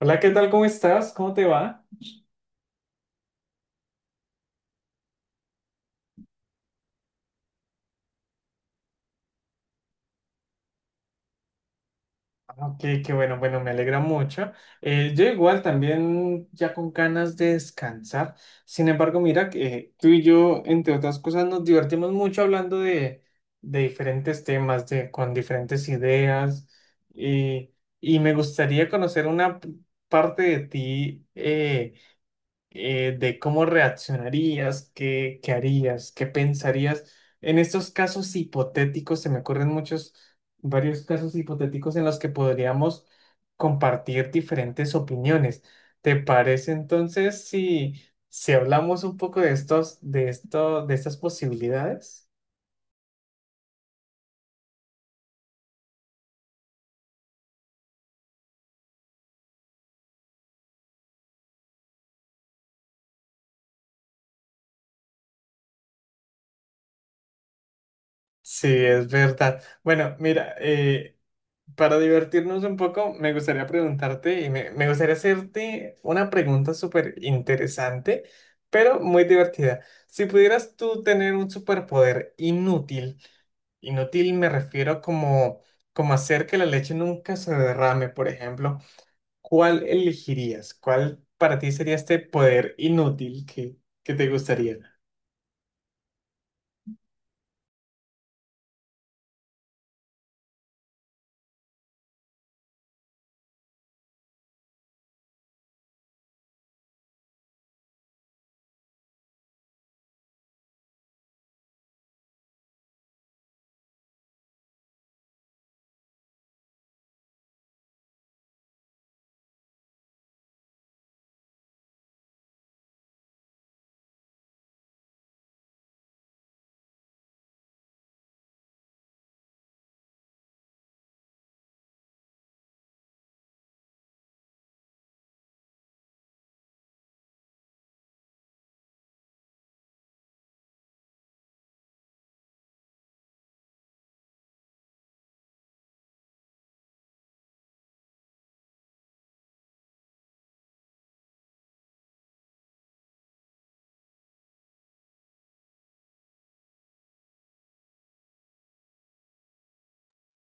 Hola, ¿qué tal? ¿Cómo estás? ¿Cómo te va? Ah, Ok, qué bueno, bueno, me alegra mucho. Yo igual también ya con ganas de descansar. Sin embargo, mira que tú y yo, entre otras cosas, nos divertimos mucho hablando de diferentes temas, de, con diferentes ideas. y y me gustaría conocer una parte de ti. De cómo reaccionarías, qué, qué harías, qué pensarías. En estos casos hipotéticos, se me ocurren varios casos hipotéticos en los que podríamos compartir diferentes opiniones. ¿Te parece entonces si hablamos un poco de de estas posibilidades? Sí, es verdad. Bueno, mira, para divertirnos un poco, me gustaría preguntarte me gustaría hacerte una pregunta súper interesante, pero muy divertida. Si pudieras tú tener un superpoder inútil, inútil me refiero como, como hacer que la leche nunca se derrame, por ejemplo, ¿cuál elegirías? ¿Cuál para ti sería este poder inútil que te gustaría?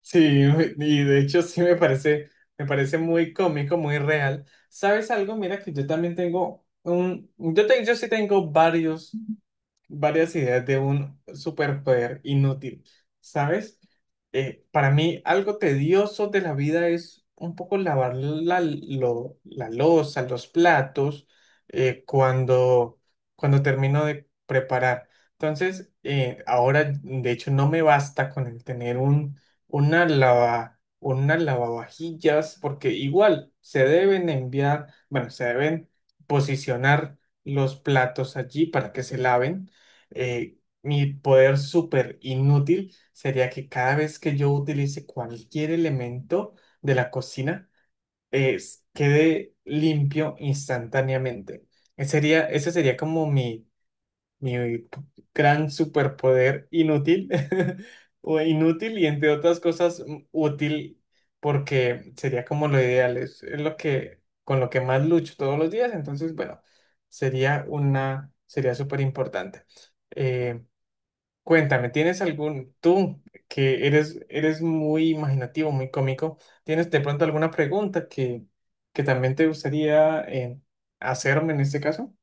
Sí, y de hecho sí me parece muy cómico, muy real. ¿Sabes algo? Mira que yo también tengo yo sí tengo varios, varias ideas de un superpoder inútil, ¿sabes? Para mí, algo tedioso de la vida es un poco lavar la loza, los platos, eh, cuando, cuando termino de preparar. Entonces, ahora, de hecho, no me basta con el tener una lavavajillas, porque igual se deben enviar, bueno, se deben posicionar los platos allí para que se laven. Mi poder súper inútil sería que cada vez que yo utilice cualquier elemento de la cocina, es, quede limpio instantáneamente. Ese sería como mi gran superpoder inútil, o inútil y entre otras cosas útil, porque sería como lo ideal, es lo que, con lo que más lucho todos los días, entonces, bueno, sería súper importante. Cuéntame, ¿tienes algún, tú que eres muy imaginativo, muy cómico, ¿tienes de pronto alguna pregunta que también te gustaría hacerme en este caso?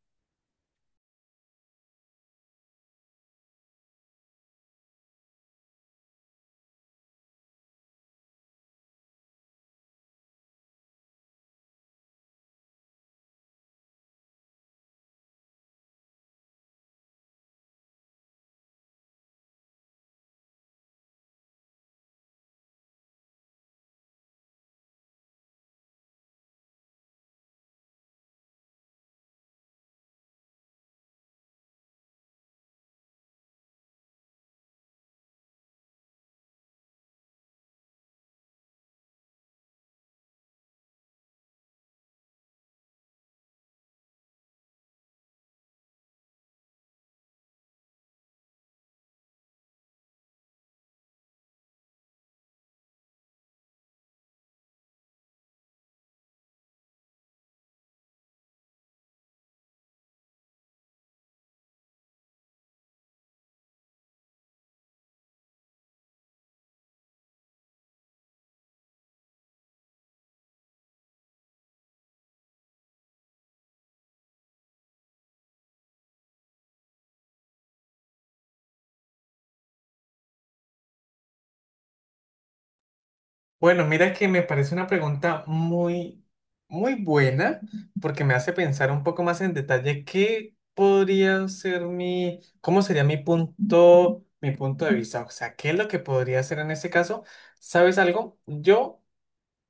Bueno, mira que me parece una pregunta muy buena porque me hace pensar un poco más en detalle qué podría ser mi, cómo sería mi punto de vista, o sea, qué es lo que podría hacer en este caso. ¿Sabes algo? Yo...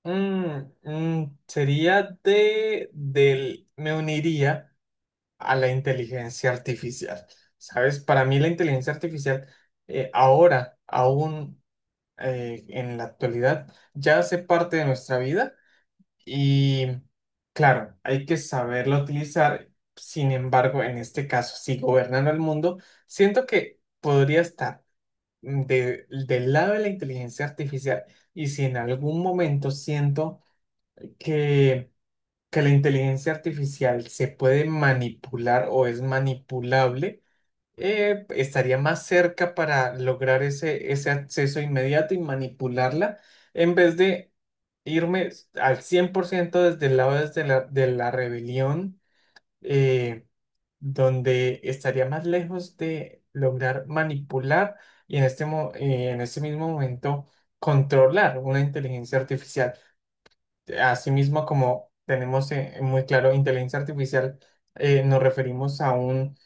Sería me uniría a la inteligencia artificial. ¿Sabes? Para mí la inteligencia artificial aún, en la actualidad, ya hace parte de nuestra vida y claro, hay que saberlo utilizar. Sin embargo, en este caso, si gobernando el mundo, siento que podría estar del lado de la inteligencia artificial. Y si en algún momento siento que que la inteligencia artificial se puede manipular o es manipulable, estaría más cerca para lograr ese acceso inmediato y manipularla en vez de irme al 100% desde el lado de la rebelión, eh, donde estaría más lejos de lograr manipular y en en este mismo momento controlar una inteligencia artificial. Asimismo, como tenemos muy claro, inteligencia artificial, nos referimos a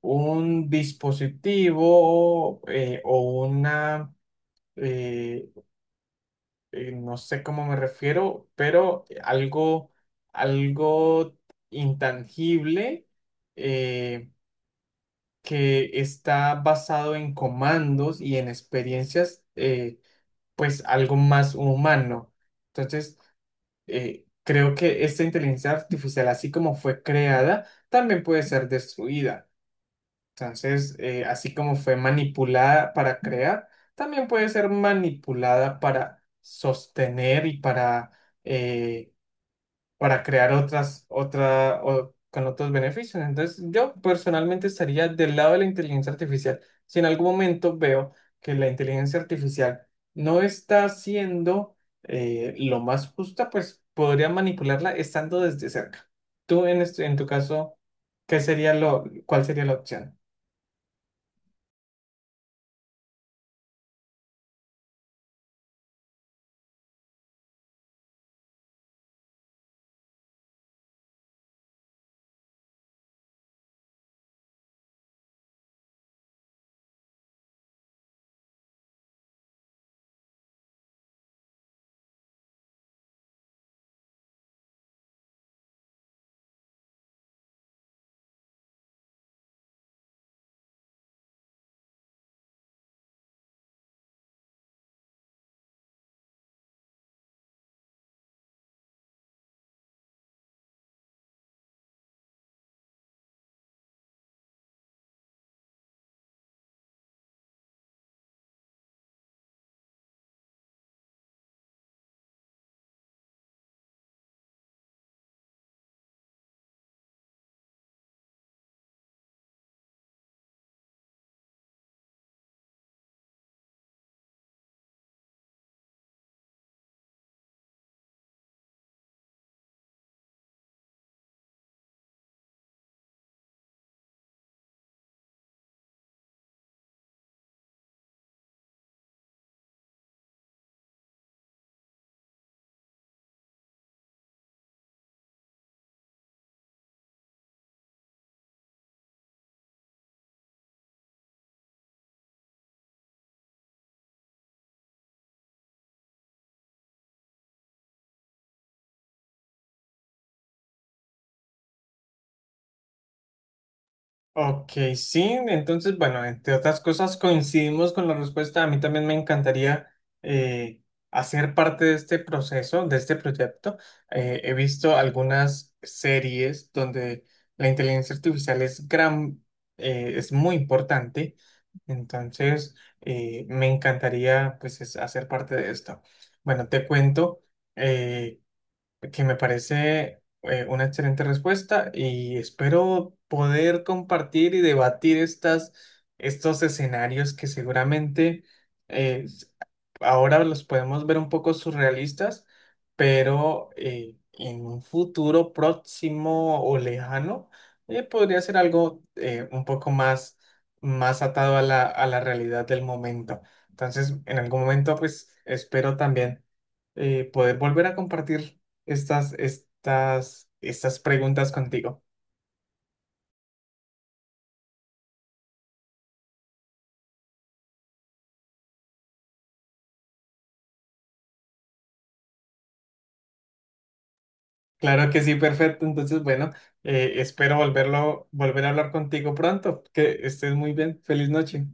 un dispositivo eh, no sé cómo me refiero, pero algo intangible, eh, que está basado en comandos y en experiencias, pues algo más humano. Entonces, creo que esta inteligencia artificial, así como fue creada, también puede ser destruida. Entonces, así como fue manipulada para crear, también puede ser manipulada para sostener y eh, para crear con otros beneficios. Entonces, yo personalmente estaría del lado de la inteligencia artificial. Si en algún momento veo que la inteligencia artificial no está siendo lo más justa, pues podría manipularla estando desde cerca. Tú, en tu caso, ¿qué sería cuál sería la opción? Ok, sí, entonces, bueno, entre otras cosas coincidimos con la respuesta. A mí también me encantaría eh, hacer parte de este proceso, de este proyecto. He visto algunas series donde la inteligencia artificial es muy importante. Entonces, me encantaría pues hacer parte de esto. Bueno, te cuento, eh, que me parece una excelente respuesta y espero poder compartir y debatir estos escenarios que seguramente eh, ahora los podemos ver un poco surrealistas, pero en un futuro próximo o lejano, podría ser algo un poco más atado a a la realidad del momento. Entonces, en algún momento, pues espero también poder volver a compartir estas preguntas contigo. Claro que sí, perfecto. Entonces, bueno, espero volver a hablar contigo pronto. Que estés muy bien. Feliz noche.